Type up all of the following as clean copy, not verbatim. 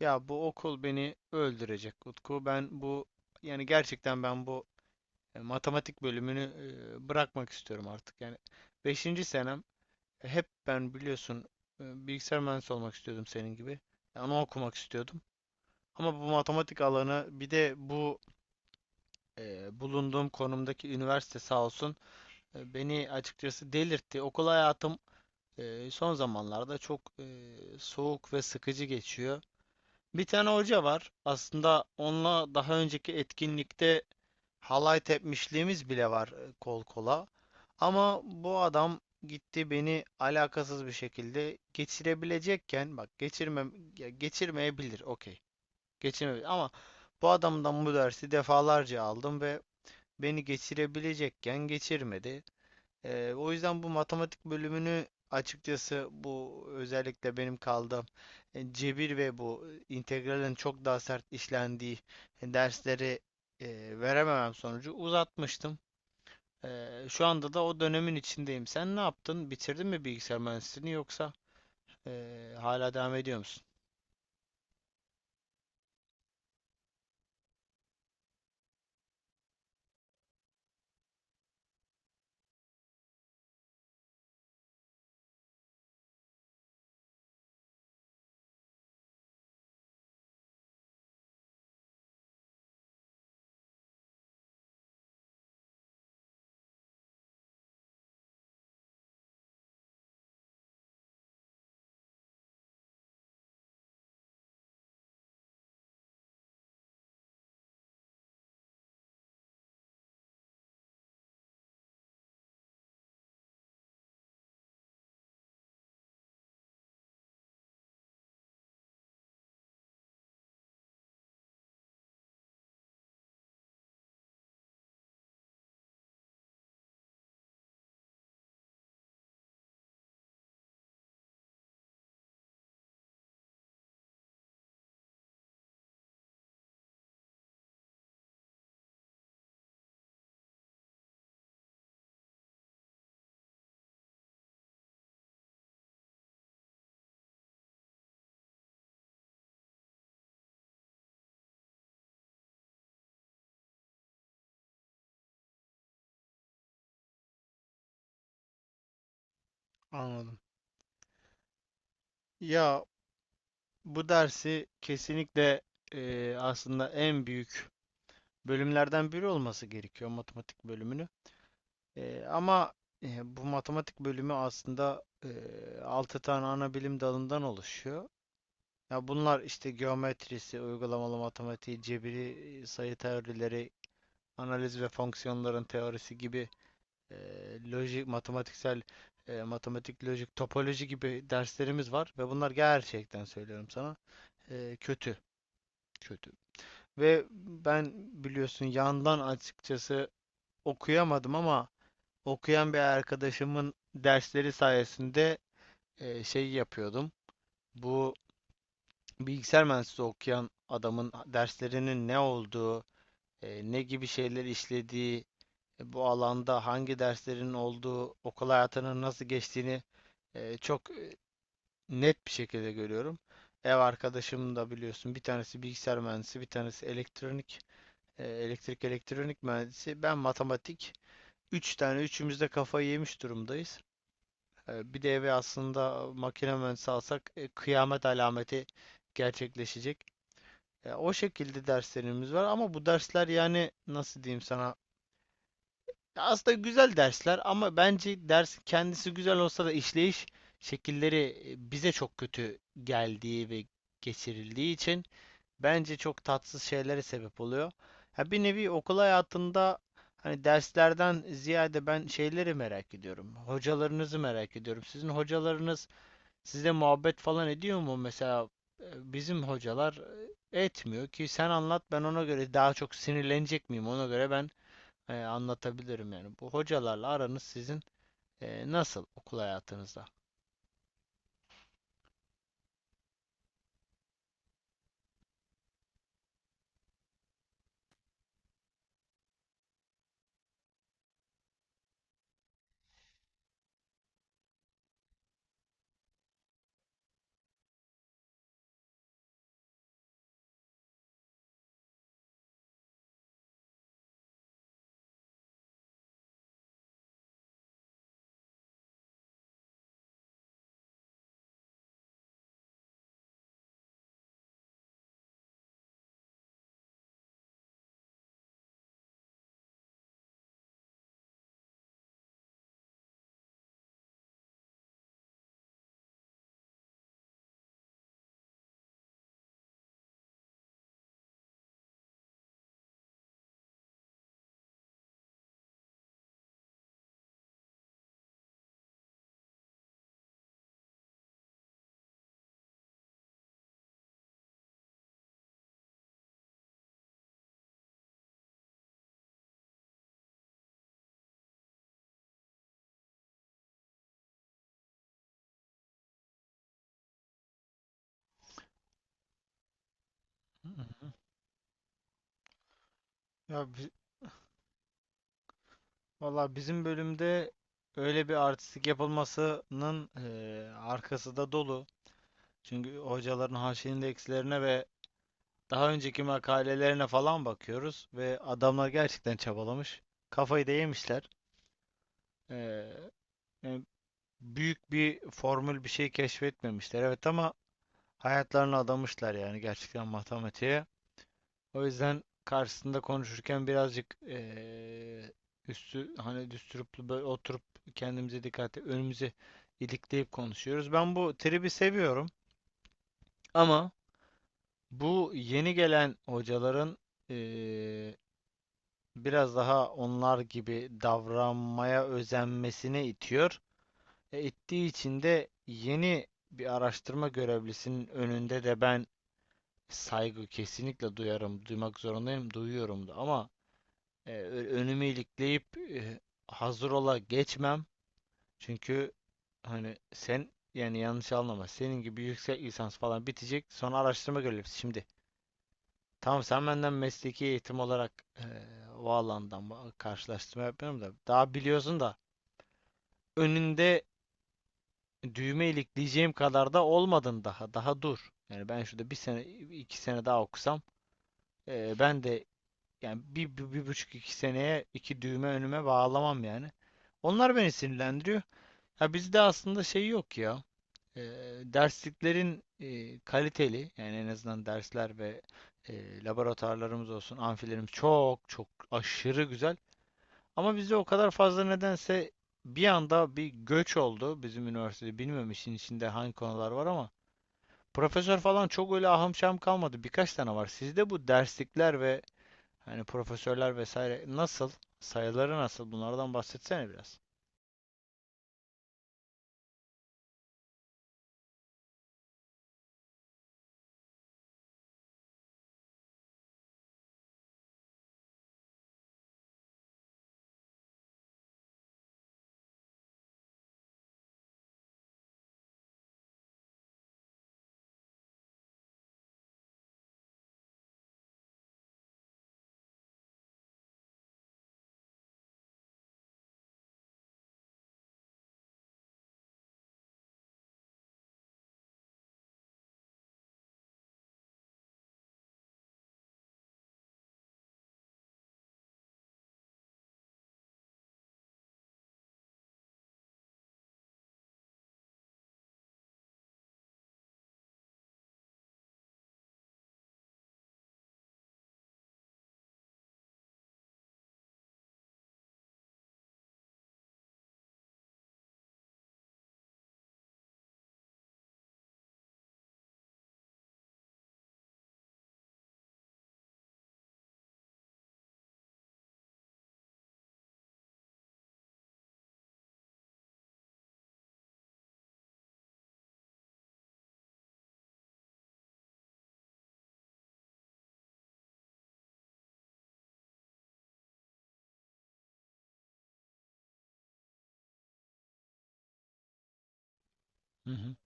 Ya bu okul beni öldürecek Utku. Ben bu yani gerçekten ben bu e, Matematik bölümünü bırakmak istiyorum artık. Yani beşinci senem, hep ben biliyorsun, bilgisayar mühendisi olmak istiyordum senin gibi. Yani onu okumak istiyordum. Ama bu matematik alanı bir de bu, bulunduğum konumdaki üniversite sağ olsun, beni açıkçası delirtti. Okul hayatım son zamanlarda çok soğuk ve sıkıcı geçiyor. Bir tane hoca var. Aslında onunla daha önceki etkinlikte halay tepmişliğimiz bile var, kol kola. Ama bu adam gitti, beni alakasız bir şekilde geçirebilecekken, bak, geçirme ya, geçirmeyebilir, okey. Geçirmeyebilir ama bu adamdan bu dersi defalarca aldım ve beni geçirebilecekken geçirmedi. O yüzden bu matematik bölümünü açıkçası, bu özellikle benim kaldığım, cebir ve bu integralin çok daha sert işlendiği dersleri verememem sonucu uzatmıştım. Şu anda da o dönemin içindeyim. Sen ne yaptın? Bitirdin mi bilgisayar mühendisliğini, yoksa hala devam ediyor musun? Anladım. Ya bu dersi kesinlikle, aslında en büyük bölümlerden biri olması gerekiyor matematik bölümünü. Ama bu matematik bölümü aslında 6 tane ana bilim dalından oluşuyor. Ya bunlar işte geometrisi, uygulamalı matematiği, cebiri, sayı teorileri, analiz ve fonksiyonların teorisi gibi, lojik, matematiksel, matematik, lojik, topoloji gibi derslerimiz var ve bunlar gerçekten söylüyorum sana, kötü, kötü. Ve ben biliyorsun yandan açıkçası okuyamadım, ama okuyan bir arkadaşımın dersleri sayesinde şey yapıyordum. Bu bilgisayar mühendisliği okuyan adamın derslerinin ne olduğu, ne gibi şeyler işlediği, bu alanda hangi derslerin olduğu, okul hayatının nasıl geçtiğini çok net bir şekilde görüyorum. Ev arkadaşım da biliyorsun, bir tanesi bilgisayar mühendisi, bir tanesi elektronik, elektrik elektronik mühendisi. Ben matematik. Üç tane üçümüz de kafayı yemiş durumdayız. Bir de eve aslında makine mühendisi alsak, kıyamet alameti gerçekleşecek. O şekilde derslerimiz var ama bu dersler, yani nasıl diyeyim sana? Ya aslında güzel dersler, ama bence ders kendisi güzel olsa da işleyiş şekilleri bize çok kötü geldiği ve geçirildiği için bence çok tatsız şeylere sebep oluyor. Ha, bir nevi okul hayatında. Hani derslerden ziyade ben şeyleri merak ediyorum. Hocalarınızı merak ediyorum. Sizin hocalarınız, sizde muhabbet falan ediyor mu? Mesela bizim hocalar etmiyor ki sen anlat, ben ona göre daha çok sinirlenecek miyim, ona göre ben anlatabilirim yani. Bu hocalarla aranız sizin nasıl okul hayatınızda? Hı hı. Ya bi- Valla bizim bölümde öyle bir artistik yapılmasının arkası da dolu. Çünkü hocaların haşin eksilerine ve daha önceki makalelerine falan bakıyoruz ve adamlar gerçekten çabalamış. Kafayı da yemişler. Ee, Yani büyük bir formül, bir şey keşfetmemişler. Evet, ama hayatlarını adamışlar yani, gerçekten matematiğe. O yüzden karşısında konuşurken birazcık, üstü, hani düsturuplu, böyle oturup kendimize dikkat, önümüze ilikleyip konuşuyoruz. Ben bu tribi seviyorum, ama bu yeni gelen hocaların eee, biraz daha onlar gibi davranmaya özenmesine itiyor. İttiği için de yeni bir araştırma görevlisinin önünde de ben saygı kesinlikle duyarım, duymak zorundayım, duyuyorum da, ama önümü ilikleyip hazır ola geçmem. Çünkü hani sen, yani yanlış anlama, senin gibi yüksek lisans falan bitecek, sonra araştırma görevlisi şimdi. Tamam, sen benden mesleki eğitim olarak eee o alandan karşılaştırma yapmıyorum da, daha biliyorsun da, önünde düğme ilikleyeceğim kadar da olmadın daha, dur. Yani ben şurada bir sene iki sene daha okusam, ben de, yani bir buçuk iki seneye iki düğme önüme bağlamam yani. Onlar beni sinirlendiriyor. Ya bizde aslında şey yok ya. E, Dersliklerin kaliteli, yani en azından dersler ve laboratuvarlarımız olsun, amfilerimiz çok çok aşırı güzel. Ama bizde o kadar fazla, nedense bir anda bir göç oldu bizim üniversitede. Bilmiyorum işin içinde hangi konular var, ama profesör falan çok öyle ahım şahım kalmadı. Birkaç tane var. Sizde bu derslikler ve hani profesörler vesaire nasıl? Sayıları nasıl? Bunlardan bahsetsene biraz. Hı hı.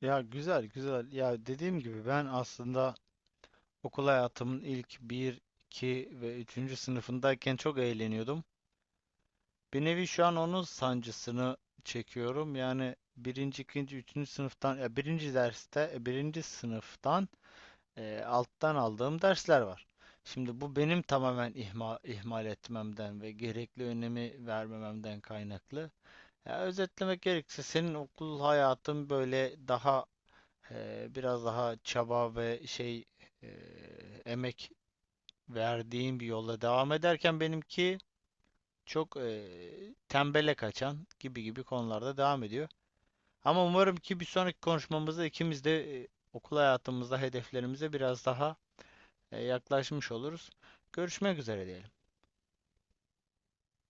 Ya, güzel güzel. Ya dediğim gibi, ben aslında okul hayatımın ilk bir, 2 ve üçüncü sınıfındayken çok eğleniyordum. Bir nevi şu an onun sancısını çekiyorum. Yani birinci, ikinci, üçüncü sınıftan, ya 1. derste, birinci sınıftan alttan aldığım dersler var. Şimdi bu benim tamamen ihmal etmemden ve gerekli önemi vermememden kaynaklı. Ya özetlemek gerekirse senin okul hayatın böyle daha biraz daha çaba ve şey, e, emek verdiğim bir yolla devam ederken, benimki çok tembele kaçan gibi gibi konularda devam ediyor. Ama umarım ki bir sonraki konuşmamızda ikimiz de okul hayatımızda hedeflerimize biraz daha yaklaşmış oluruz. Görüşmek üzere diyelim.